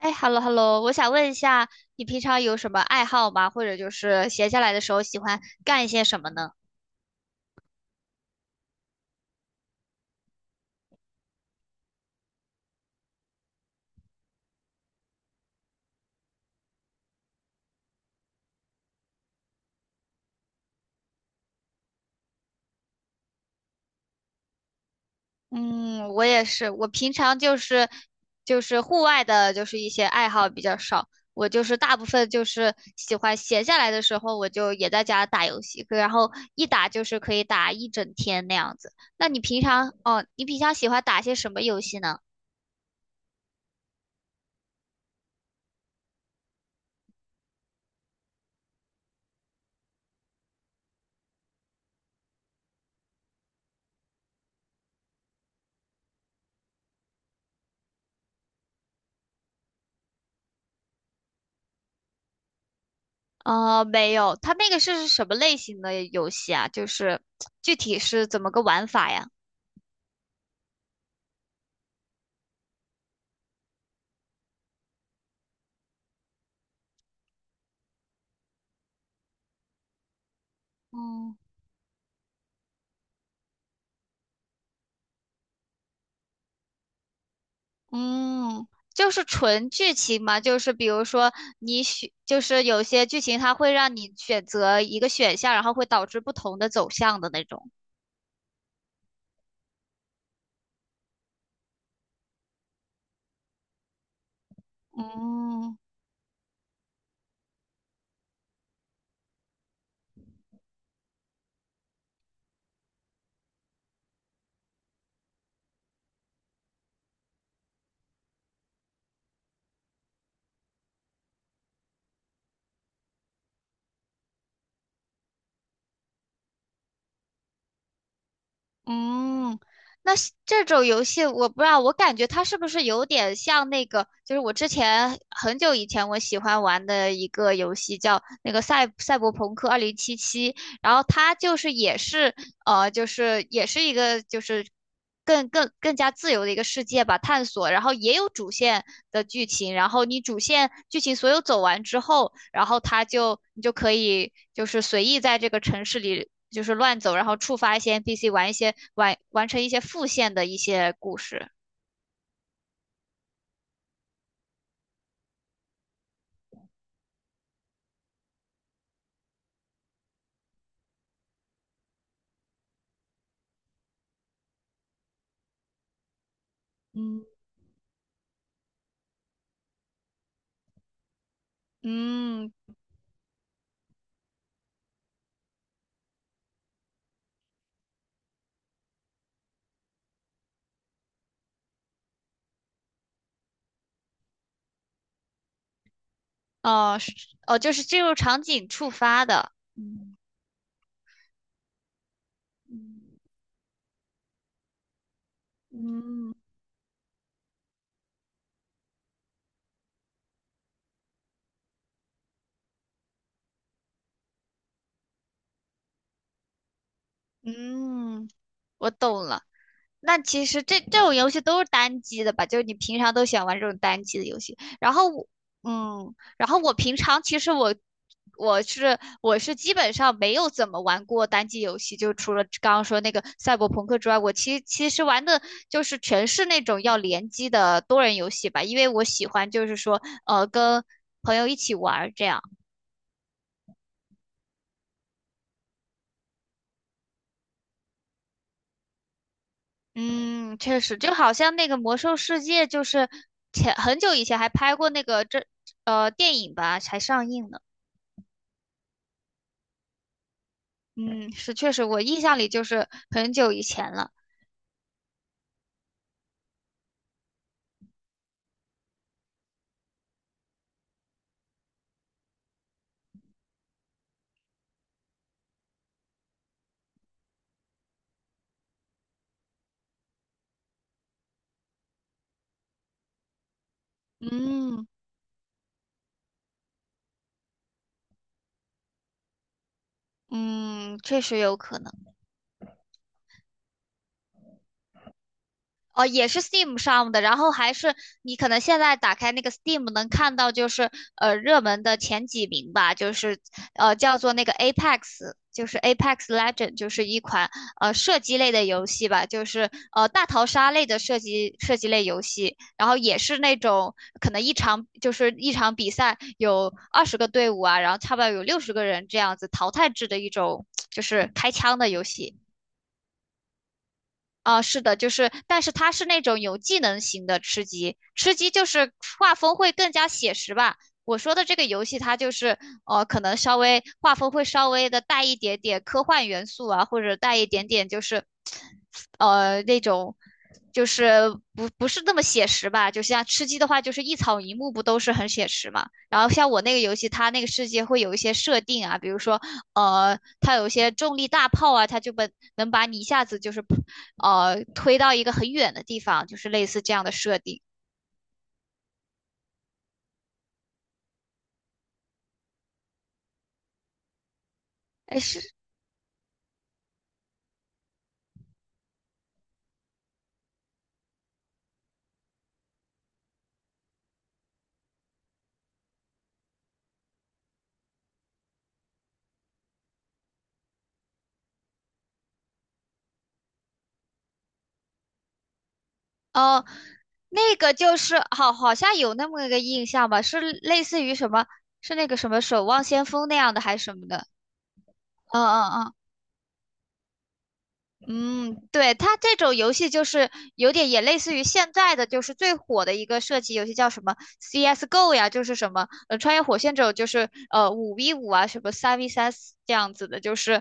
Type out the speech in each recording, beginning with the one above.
哎，hello hello，我想问一下，你平常有什么爱好吗？或者就是闲下来的时候喜欢干一些什么呢？嗯，我也是，我平常就是户外的，就是一些爱好比较少。我就是大部分就是喜欢闲下来的时候，我就也在家打游戏，然后一打就是可以打一整天那样子。那你平常哦，你平常喜欢打些什么游戏呢？哦，没有，它那个是什么类型的游戏啊？就是具体是怎么个玩法呀？嗯嗯，就是纯剧情嘛，就是比如说你选，就是有些剧情它会让你选择一个选项，然后会导致不同的走向的那种。嗯嗯，那是这种游戏我不知道，我感觉它是不是有点像那个，就是我之前很久以前我喜欢玩的一个游戏叫那个赛博朋克2077，然后它就是也是。就是也是一个就是更加自由的一个世界吧，探索。然后也有主线的剧情，然后你主线剧情所有走完之后，然后它就你就可以就是随意在这个城市里就是乱走，然后触发一些 NPC，玩一些完成一些副线的一些故事。嗯嗯，哦是哦，就是进入场景触发的。嗯嗯嗯，嗯，我懂了。那其实这种游戏都是单机的吧？就是你平常都喜欢玩这种单机的游戏。然后我嗯，然后我平常其实我是基本上没有怎么玩过单机游戏，就除了刚刚说那个赛博朋克之外，我其实玩的就是全是那种要联机的多人游戏吧，因为我喜欢就是说跟朋友一起玩儿这样。嗯，确实，就好像那个《魔兽世界》，就是前很久以前还拍过那个电影吧，才上映呢。嗯，是确实，我印象里就是很久以前了。嗯嗯，确实有可能。哦，也是 Steam 上的，然后还是你可能现在打开那个 Steam 能看到，就是热门的前几名吧，就是叫做那个 Apex，就是 Apex Legend，就是一款射击类的游戏吧，就是大逃杀类的射击类游戏，然后也是那种可能一场就是一场比赛有20个队伍啊，然后差不多有60个人这样子淘汰制的一种就是开枪的游戏。啊、是的，就是，但是它是那种有技能型的吃鸡，吃鸡就是画风会更加写实吧。我说的这个游戏，它就是可能稍微画风会稍微的带一点点科幻元素啊，或者带一点点就是那种就是不是那么写实吧。就像吃鸡的话，就是一草一木不都是很写实嘛。然后像我那个游戏，它那个世界会有一些设定啊，比如说它有一些重力大炮啊，它就把能把你一下子就是推到一个很远的地方，就是类似这样的设定。哎，是哦、那个就是好像有那么一个印象吧，是类似于什么，是那个什么守望先锋那样的还是什么的？嗯嗯嗯嗯，对，它这种游戏就是有点也类似于现在的，就是最火的一个射击游戏叫什么 CS:GO 呀，就是什么穿越火线这种，就是5v5啊，什么3v3这样子的，就是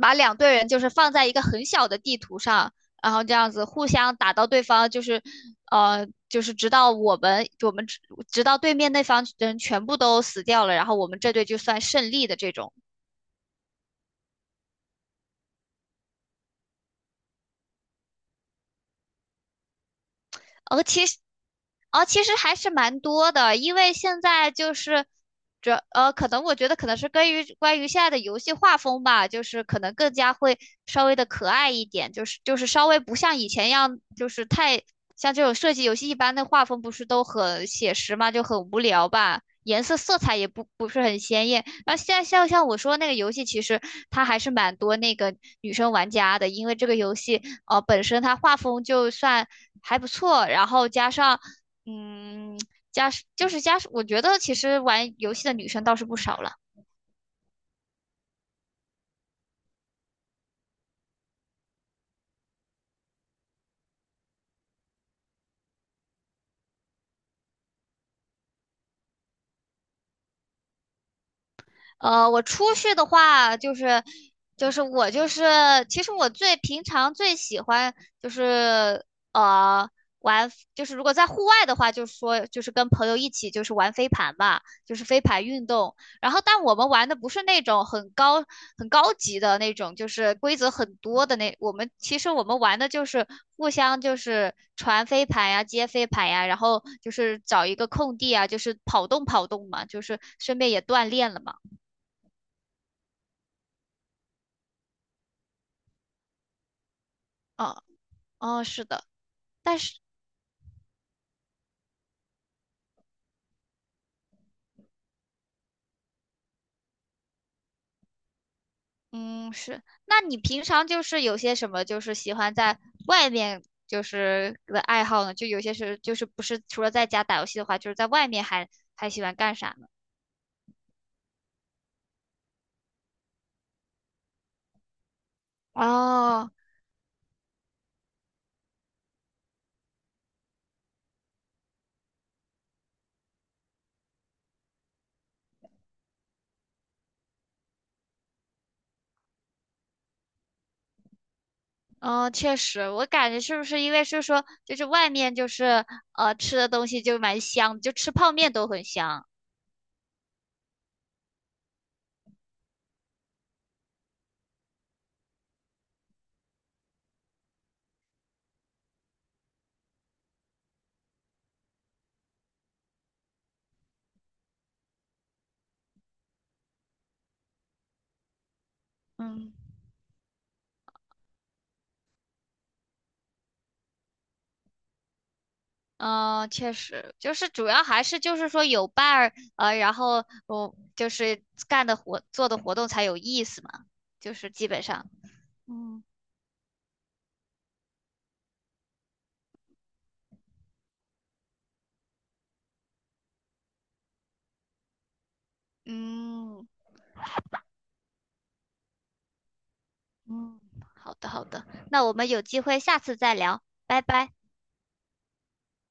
把两队人就是放在一个很小的地图上，然后这样子互相打到对方，就是就是直到我们我们直直到对面那方人全部都死掉了，然后我们这队就算胜利的这种。哦，其实，哦，其实还是蛮多的，因为现在就是可能我觉得可能是关于现在的游戏画风吧，就是可能更加会稍微的可爱一点，就是稍微不像以前一样，就是太像这种射击游戏一般的画风不是都很写实嘛，就很无聊吧，颜色色彩也不是很鲜艳。那后现在像我说那个游戏，其实它还是蛮多那个女生玩家的，因为这个游戏本身它画风就算还不错，然后加上嗯。家就是家我觉得其实玩游戏的女生倒是不少了，我出去的话，就是我就是，其实我最平常最喜欢就是呃玩，就是如果在户外的话，就是说就是跟朋友一起就是玩飞盘吧，就是飞盘运动。然后，但我们玩的不是那种很高级的那种，就是规则很多的那。其实我们玩的就是互相就是传飞盘呀、接飞盘呀，然后就是找一个空地啊，就是跑动跑动嘛，就是顺便也锻炼了嘛。哦哦，是的，但是，嗯，是，那你平常就是有些什么，就是喜欢在外面就是的爱好呢？就有些是，就是不是除了在家打游戏的话，就是在外面还喜欢干啥呢？哦，嗯，确实，我感觉是不是因为是说，就是外面就是吃的东西就蛮香，就吃泡面都很香。嗯。嗯，确实，就是主要还是就是说有伴儿，然后我就是干的活做的活动才有意思嘛，就是基本上，嗯嗯嗯，好的好的，那我们有机会下次再聊，拜拜。